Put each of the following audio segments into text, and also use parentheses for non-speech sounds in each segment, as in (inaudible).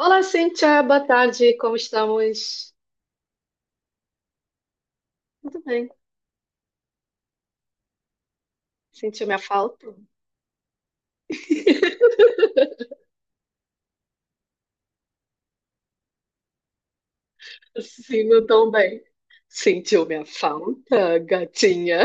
Olá, Cíntia, boa tarde, como estamos? Tudo bem? Sentiu minha falta? (laughs) Sim, não tão bem. Sentiu minha falta, gatinha?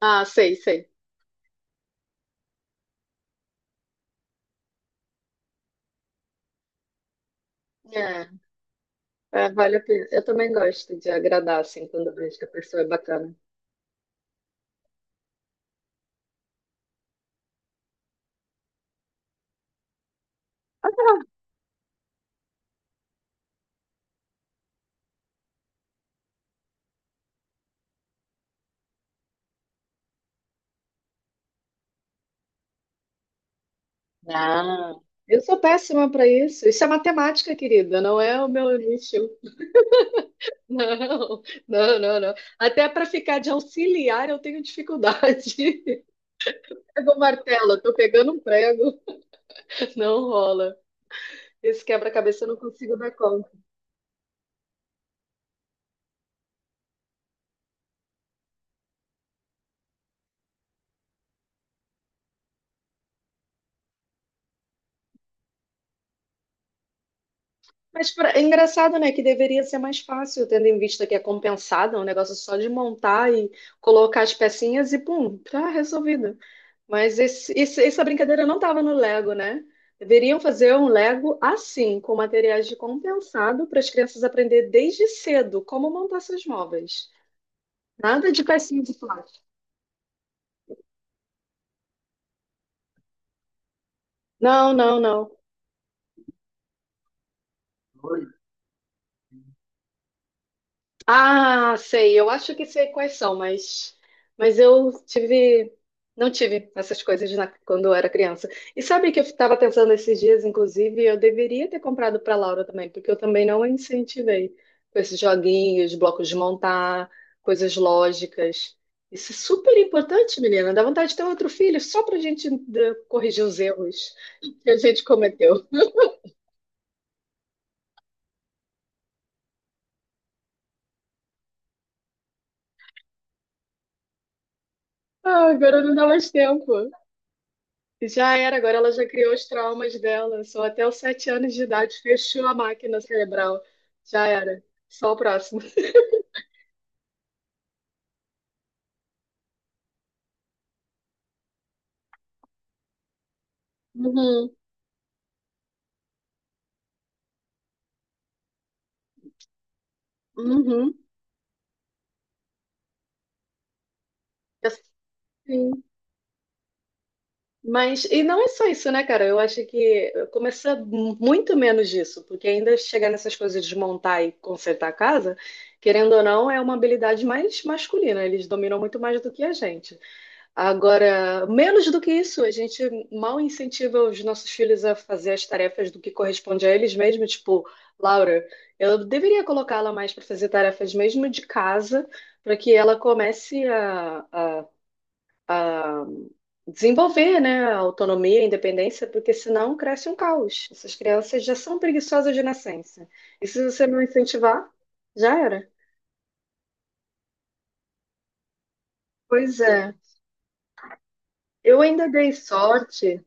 Ah, sei, sei. É, é, vale a pena. Eu também gosto de agradar, assim, quando eu vejo que a pessoa é bacana. Ah, eu sou péssima para isso. Isso é matemática, querida, não é o meu nicho. Não, não, não, não. Até para ficar de auxiliar eu tenho dificuldade. (laughs) Pega o martelo, tô pegando um prego. Não rola. Esse quebra-cabeça eu não consigo dar conta. Mas é engraçado, né? Que deveria ser mais fácil, tendo em vista que é compensada, é um negócio só de montar e colocar as pecinhas e pum, tá resolvido. Mas essa brincadeira não estava no Lego, né? Deveriam fazer um Lego assim, com materiais de compensado, para as crianças aprender desde cedo como montar seus móveis. Nada de pecinha de plástico. Não, não, não. Ah, sei. Eu acho que sei quais são, mas eu tive, não tive essas coisas quando eu era criança. E sabe que eu estava pensando esses dias, inclusive, eu deveria ter comprado para Laura também, porque eu também não a incentivei com esses joguinhos, blocos de montar, coisas lógicas. Isso é super importante, menina. Dá vontade de ter outro filho só para a gente corrigir os erros que a gente cometeu. Ah, agora não dá mais tempo. Já era, agora ela já criou os traumas dela. Só até os sete anos de idade fechou a máquina cerebral. Já era. Só o próximo. Uhum, uhum. Assim, mas, e não é só isso, né, cara? Eu acho que começa muito menos disso, porque ainda chegar nessas coisas de montar e consertar a casa, querendo ou não, é uma habilidade mais masculina. Eles dominam muito mais do que a gente. Agora, menos do que isso, a gente mal incentiva os nossos filhos a fazer as tarefas do que corresponde a eles mesmos. Tipo, Laura, eu deveria colocá-la mais para fazer tarefas mesmo de casa, para que ela comece a desenvolver, né, a autonomia, a independência, porque senão cresce um caos. Essas crianças já são preguiçosas de nascença. E se você não incentivar, já era. Pois é, eu ainda dei sorte.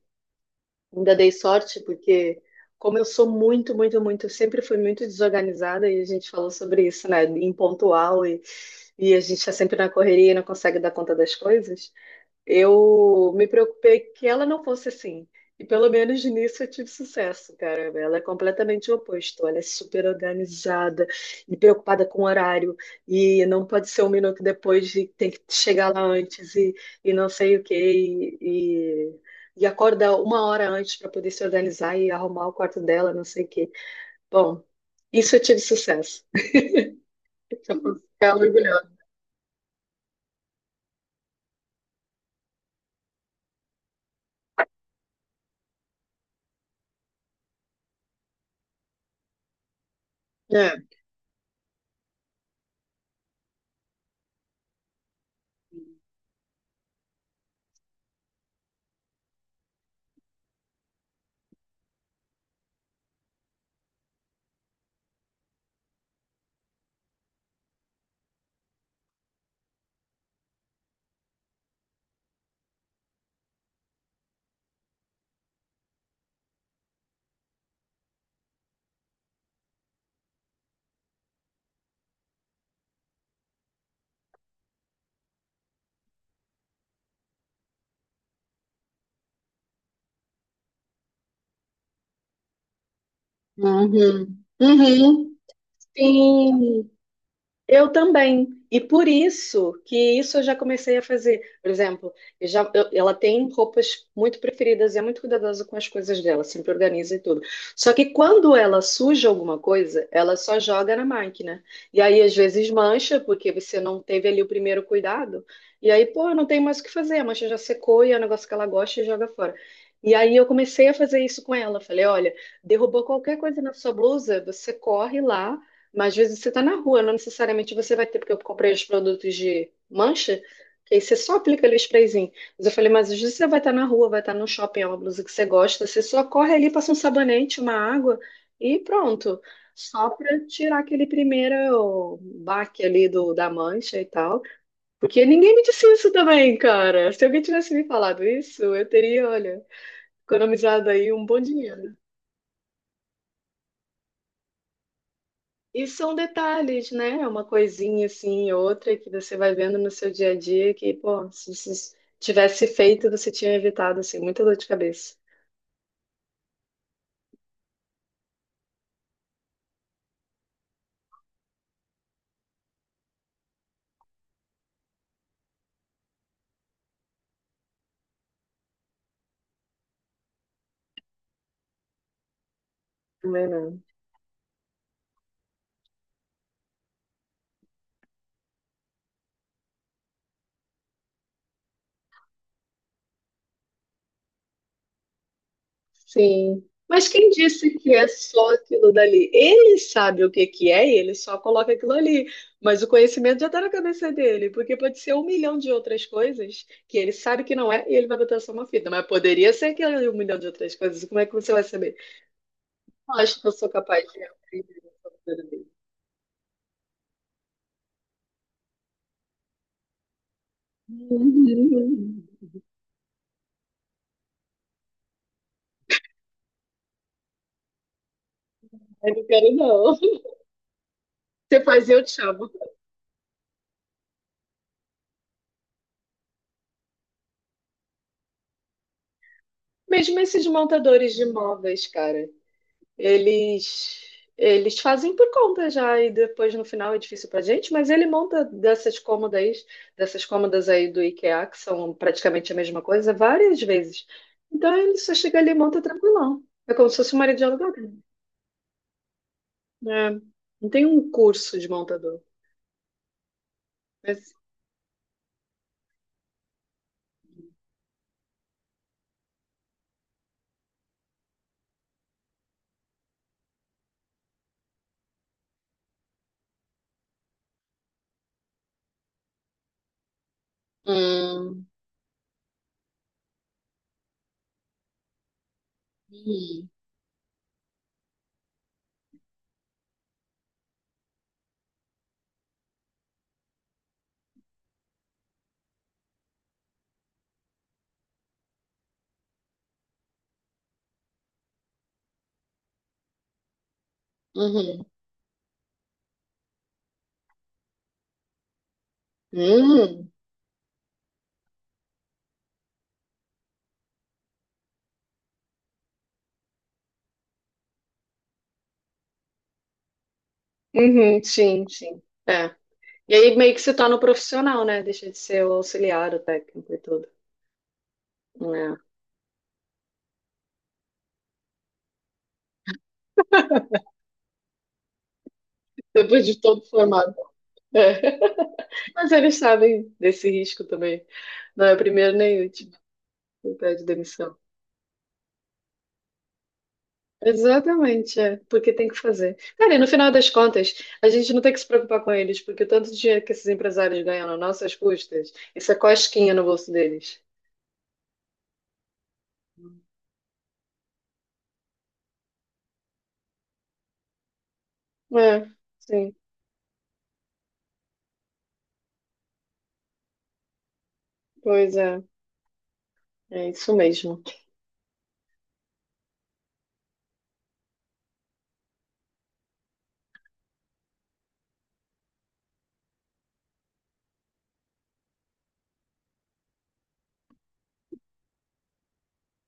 Ainda dei sorte, porque como eu sou muito, muito, muito, eu sempre fui muito desorganizada e a gente falou sobre isso, né? Impontual e a gente está sempre na correria e não consegue dar conta das coisas. Eu me preocupei que ela não fosse assim. E pelo menos nisso eu tive sucesso, cara. Ela é completamente o oposto. Ela é super organizada e preocupada com o horário. E não pode ser um minuto depois e tem que chegar lá antes e não sei o quê. E acorda uma hora antes para poder se organizar e arrumar o quarto dela, não sei o quê. Bom, isso eu tive sucesso. Então, eu posso ficar orgulhosa. É. Uhum. Uhum. Sim. Eu também. E por isso que isso eu já comecei a fazer. Por exemplo, ela tem roupas muito preferidas e é muito cuidadosa com as coisas dela, sempre organiza e tudo. Só que quando ela suja alguma coisa, ela só joga na máquina. E aí às vezes mancha, porque você não teve ali o primeiro cuidado. E aí, pô, não tem mais o que fazer, a mancha já secou e é um negócio que ela gosta e joga fora. E aí eu comecei a fazer isso com ela. Falei, olha, derrubou qualquer coisa na sua blusa, você corre lá, mas às vezes você está na rua, não necessariamente você vai ter, porque eu comprei os produtos de mancha, que aí você só aplica ali o sprayzinho. Mas eu falei, mas às vezes você vai estar na rua, vai estar no shopping, é uma blusa que você gosta, você só corre ali, passa um sabonete, uma água e pronto. Só para tirar aquele primeiro baque ali da mancha e tal. Porque ninguém me disse isso também, cara. Se alguém tivesse me falado isso, eu teria, olha, economizado aí um bom dinheiro. E são detalhes, né? É uma coisinha assim, outra que você vai vendo no seu dia a dia que, pô, se você tivesse feito, você tinha evitado, assim, muita dor de cabeça. Não é não. Sim. Mas quem disse que é só aquilo dali? Ele sabe o que que é e ele só coloca aquilo ali. Mas o conhecimento já está na cabeça dele, porque pode ser um milhão de outras coisas que ele sabe que não é e ele vai botar só uma fita. Mas poderia ser aquele um milhão de outras coisas. Como é que você vai saber? Eu acho que eu sou capaz de aprender. Uhum. Eu não quero, não. Você faz, e eu te chamo. Mesmo esses montadores de imóveis, cara, eles eles fazem por conta já e depois no final é difícil pra gente, mas ele monta dessas cômodas aí do IKEA, que são praticamente a mesma coisa, várias vezes. Então ele só chega ali e monta tranquilão. É como se fosse uma área de aluguel. Né? É, não tem um curso de montador. Mas... Hum, hum, uhum, hum. Uhum, sim, sim. É. E aí meio que se torna um profissional, né? Deixa de ser o auxiliar, o técnico e tudo. É. Depois de todo formado. É. (laughs) Mas eles sabem desse risco também. Não é o primeiro nem o último que pede demissão. Exatamente, é. Porque tem que fazer. Cara, e no final das contas, a gente não tem que se preocupar com eles, porque o tanto de dinheiro que esses empresários ganham nas nossas custas, isso é cosquinha no bolso deles. É, sim, pois é. É isso mesmo.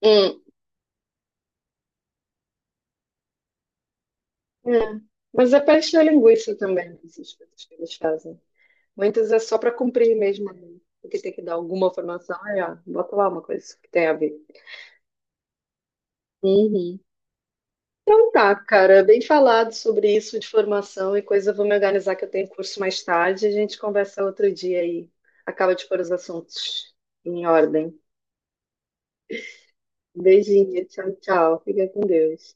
Hum. É, mas é para encher a linguiça também, né, essas coisas que eles fazem. Muitas é só para cumprir mesmo, né? Porque tem que dar alguma formação. Aí, ó, bota lá uma coisa que tem a ver. Uhum. Então tá, cara, bem falado sobre isso de formação e coisa. Eu vou me organizar que eu tenho curso mais tarde. A gente conversa outro dia aí. Acaba de pôr os assuntos em ordem. Beijinho, tchau, tchau. Fica com Deus.